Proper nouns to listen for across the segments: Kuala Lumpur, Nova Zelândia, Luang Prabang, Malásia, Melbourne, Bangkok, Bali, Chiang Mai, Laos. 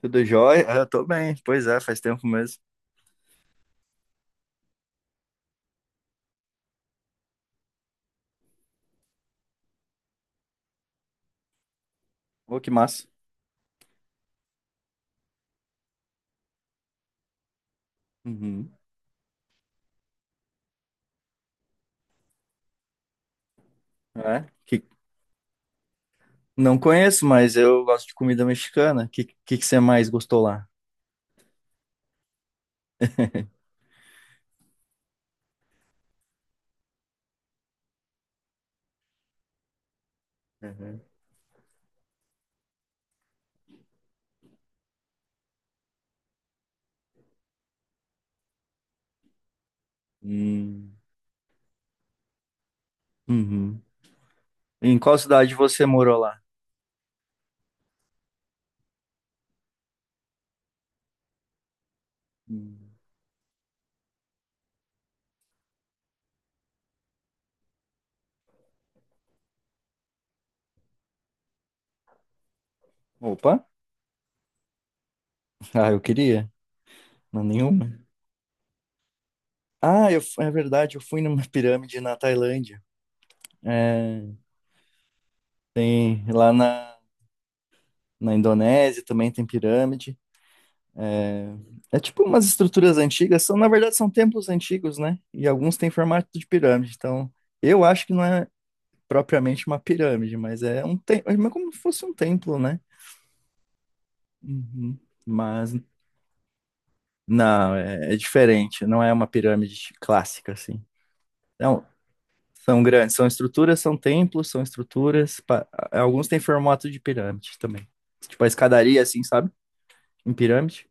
Tudo jóia? Ah, eu tô bem. Pois é, faz tempo mesmo. Ô, que massa. Uhum. É? Não conheço, mas eu gosto de comida mexicana. Que que você mais gostou lá? Uhum. Hum, uhum. Em qual cidade você morou lá? Hum. Opa. Ah, eu queria. Não, nenhuma. Ah, é verdade, eu fui numa pirâmide na Tailândia. É, tem lá na Indonésia também tem pirâmide. É, é tipo umas estruturas antigas, são, na verdade são templos antigos, né? E alguns têm formato de pirâmide. Então, eu acho que não é propriamente uma pirâmide, mas é um templo, é como se fosse um templo, né? Uhum. Mas não, é diferente, não é uma pirâmide clássica assim. Então, são grandes, são estruturas, são templos, são estruturas, alguns têm formato de pirâmide também. Tipo a escadaria assim, sabe? Em pirâmide.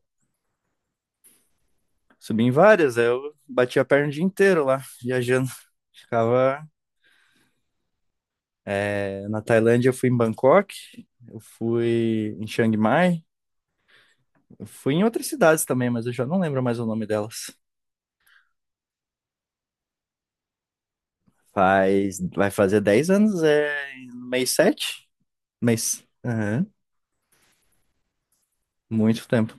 Subi em várias, aí eu bati a perna o dia inteiro lá, viajando. Ficava na Tailândia, eu fui em Bangkok, eu fui em Chiang Mai, eu fui em outras cidades também, mas eu já não lembro mais o nome delas. Faz, vai fazer 10 anos, é no mês sete. Mês. Aham. Muito tempo.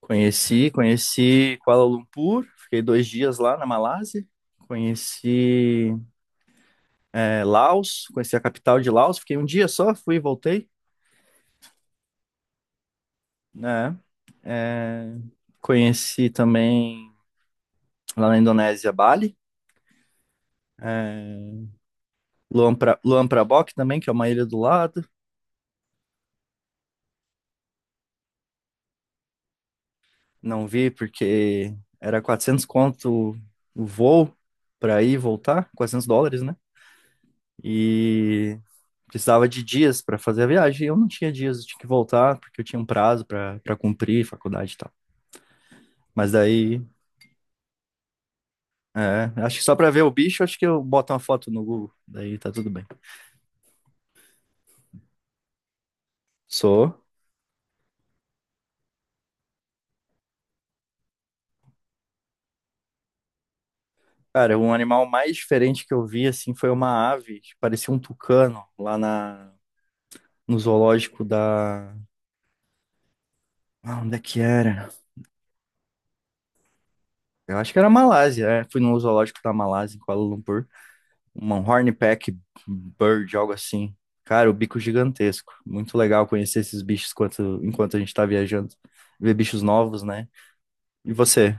Conheci Kuala Lumpur, fiquei 2 dias lá na Malásia. Conheci Laos, conheci a capital de Laos, fiquei um dia só, fui e voltei. Né? Conheci também lá na Indonésia, Bali. É, Luang Prabang também, que é uma ilha do lado. Não vi porque era 400 conto o voo para ir e voltar, US$ 400, né? E precisava de dias para fazer a viagem. Eu não tinha dias, eu tinha que voltar porque eu tinha um prazo para cumprir, faculdade e tal. Mas daí, é, acho que só para ver o bicho, acho que eu boto uma foto no Google, daí tá tudo bem. Sou. Cara, um animal mais diferente que eu vi, assim, foi uma ave, que parecia um tucano, lá no zoológico Ah, onde é que era? Eu acho que era Malásia, é. Fui no zoológico da Malásia, em Kuala Lumpur. Uma hornpeck bird, algo assim. Cara, o bico gigantesco. Muito legal conhecer esses bichos enquanto a gente tá viajando. Ver bichos novos, né? E você?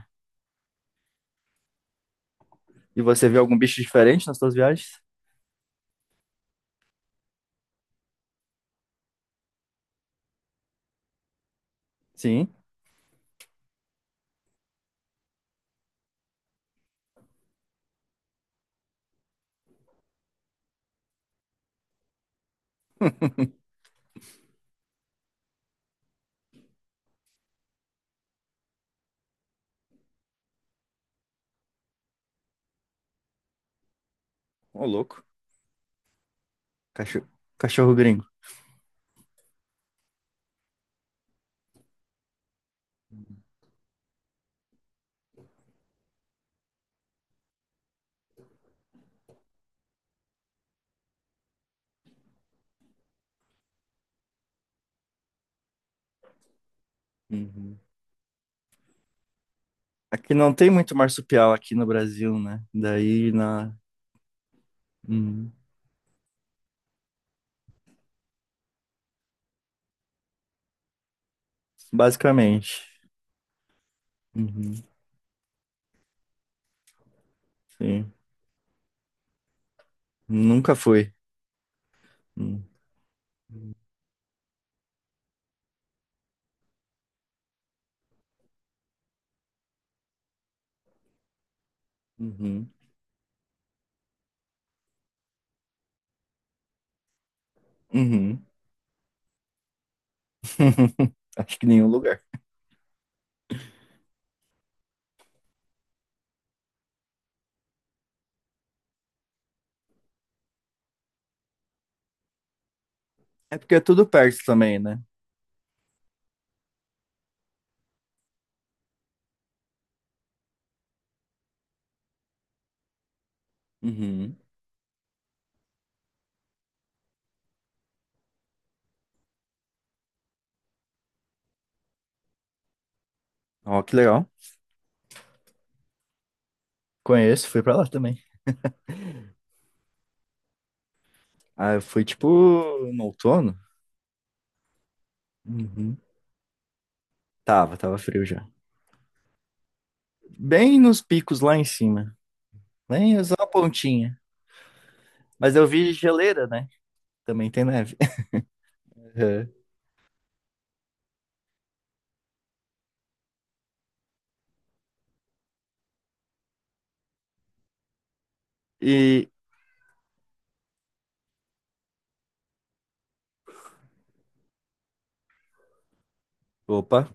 E você viu algum bicho diferente nas suas viagens? Sim? Ô, louco. Cachorro, cachorro gringo. Uhum. Aqui não tem muito marsupial aqui no Brasil, né? Daí na. Uhum. Basicamente. Uhum. Sim. Nunca foi. Uhum. Uhum. Uhum. Acho que nenhum lugar. É porque é tudo perto também, né? Uhum. Ó, que legal. Conheço, fui pra lá também. Ah, eu fui tipo no outono? Uhum. Tava frio já. Bem nos picos lá em cima. Bem só a pontinha. Mas eu vi geleira, né? Também tem neve. Uhum. E. Opa.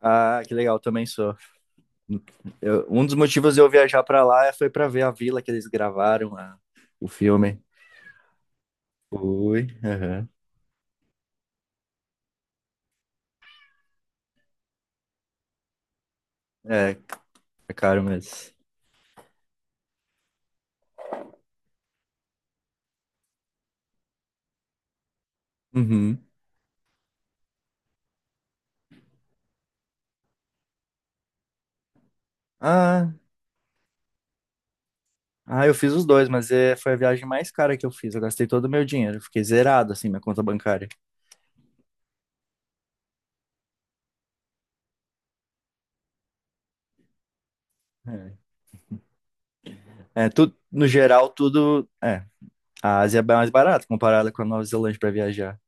Ah, que legal, também sou. Um dos motivos de eu viajar pra lá foi pra ver a vila que eles gravaram, o filme. Fui, aham. É, é caro mesmo. Uhum. Ah, ah, eu fiz os dois, mas foi a viagem mais cara que eu fiz. Eu gastei todo o meu dinheiro. Eu fiquei zerado, assim, minha conta bancária. É, é tudo, no geral, tudo. É, a Ásia é mais barata comparada com a Nova Zelândia pra viajar.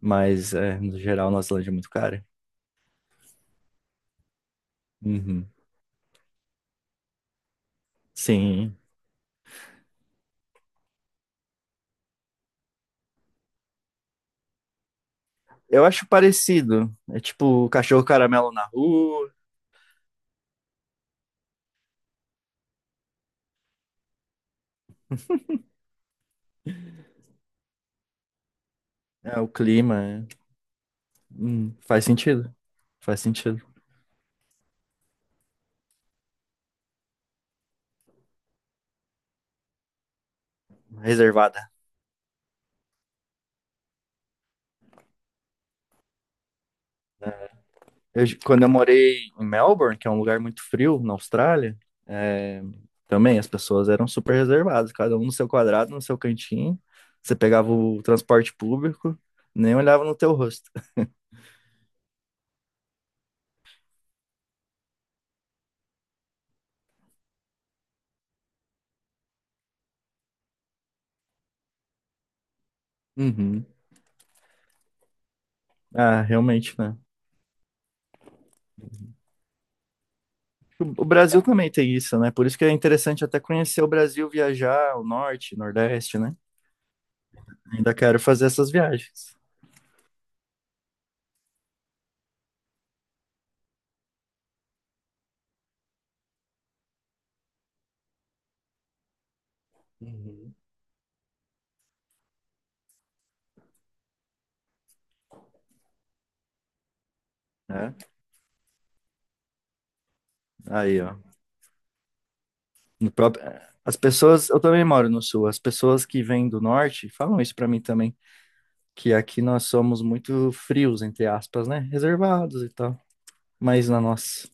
Mas, é, no geral, a Nova Zelândia é muito cara. Uhum. Sim. Eu acho parecido. É tipo o cachorro caramelo na rua, é o clima. É. Faz sentido. Faz sentido. Reservada. Quando eu morei em Melbourne, que é um lugar muito frio na Austrália, é, também as pessoas eram super reservadas, cada um no seu quadrado, no seu cantinho. Você pegava o transporte público, nem olhava no teu rosto. Uhum. Ah, realmente, né? O Brasil também tem isso, né? Por isso que é interessante até conhecer o Brasil, viajar, o norte, nordeste, né? Ainda quero fazer essas viagens, uhum, né? Aí, ó. No próprio... As pessoas, eu também moro no sul, as pessoas que vêm do norte falam isso pra mim também, que aqui nós somos muito frios, entre aspas, né? Reservados e tal. Mas na nossa,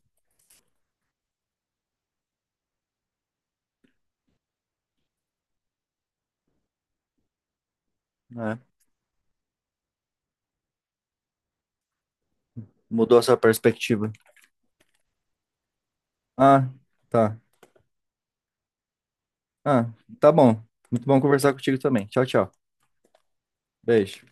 né? Mudou essa perspectiva. Ah, tá. Ah, tá bom. Muito bom conversar contigo também. Tchau, tchau. Beijo.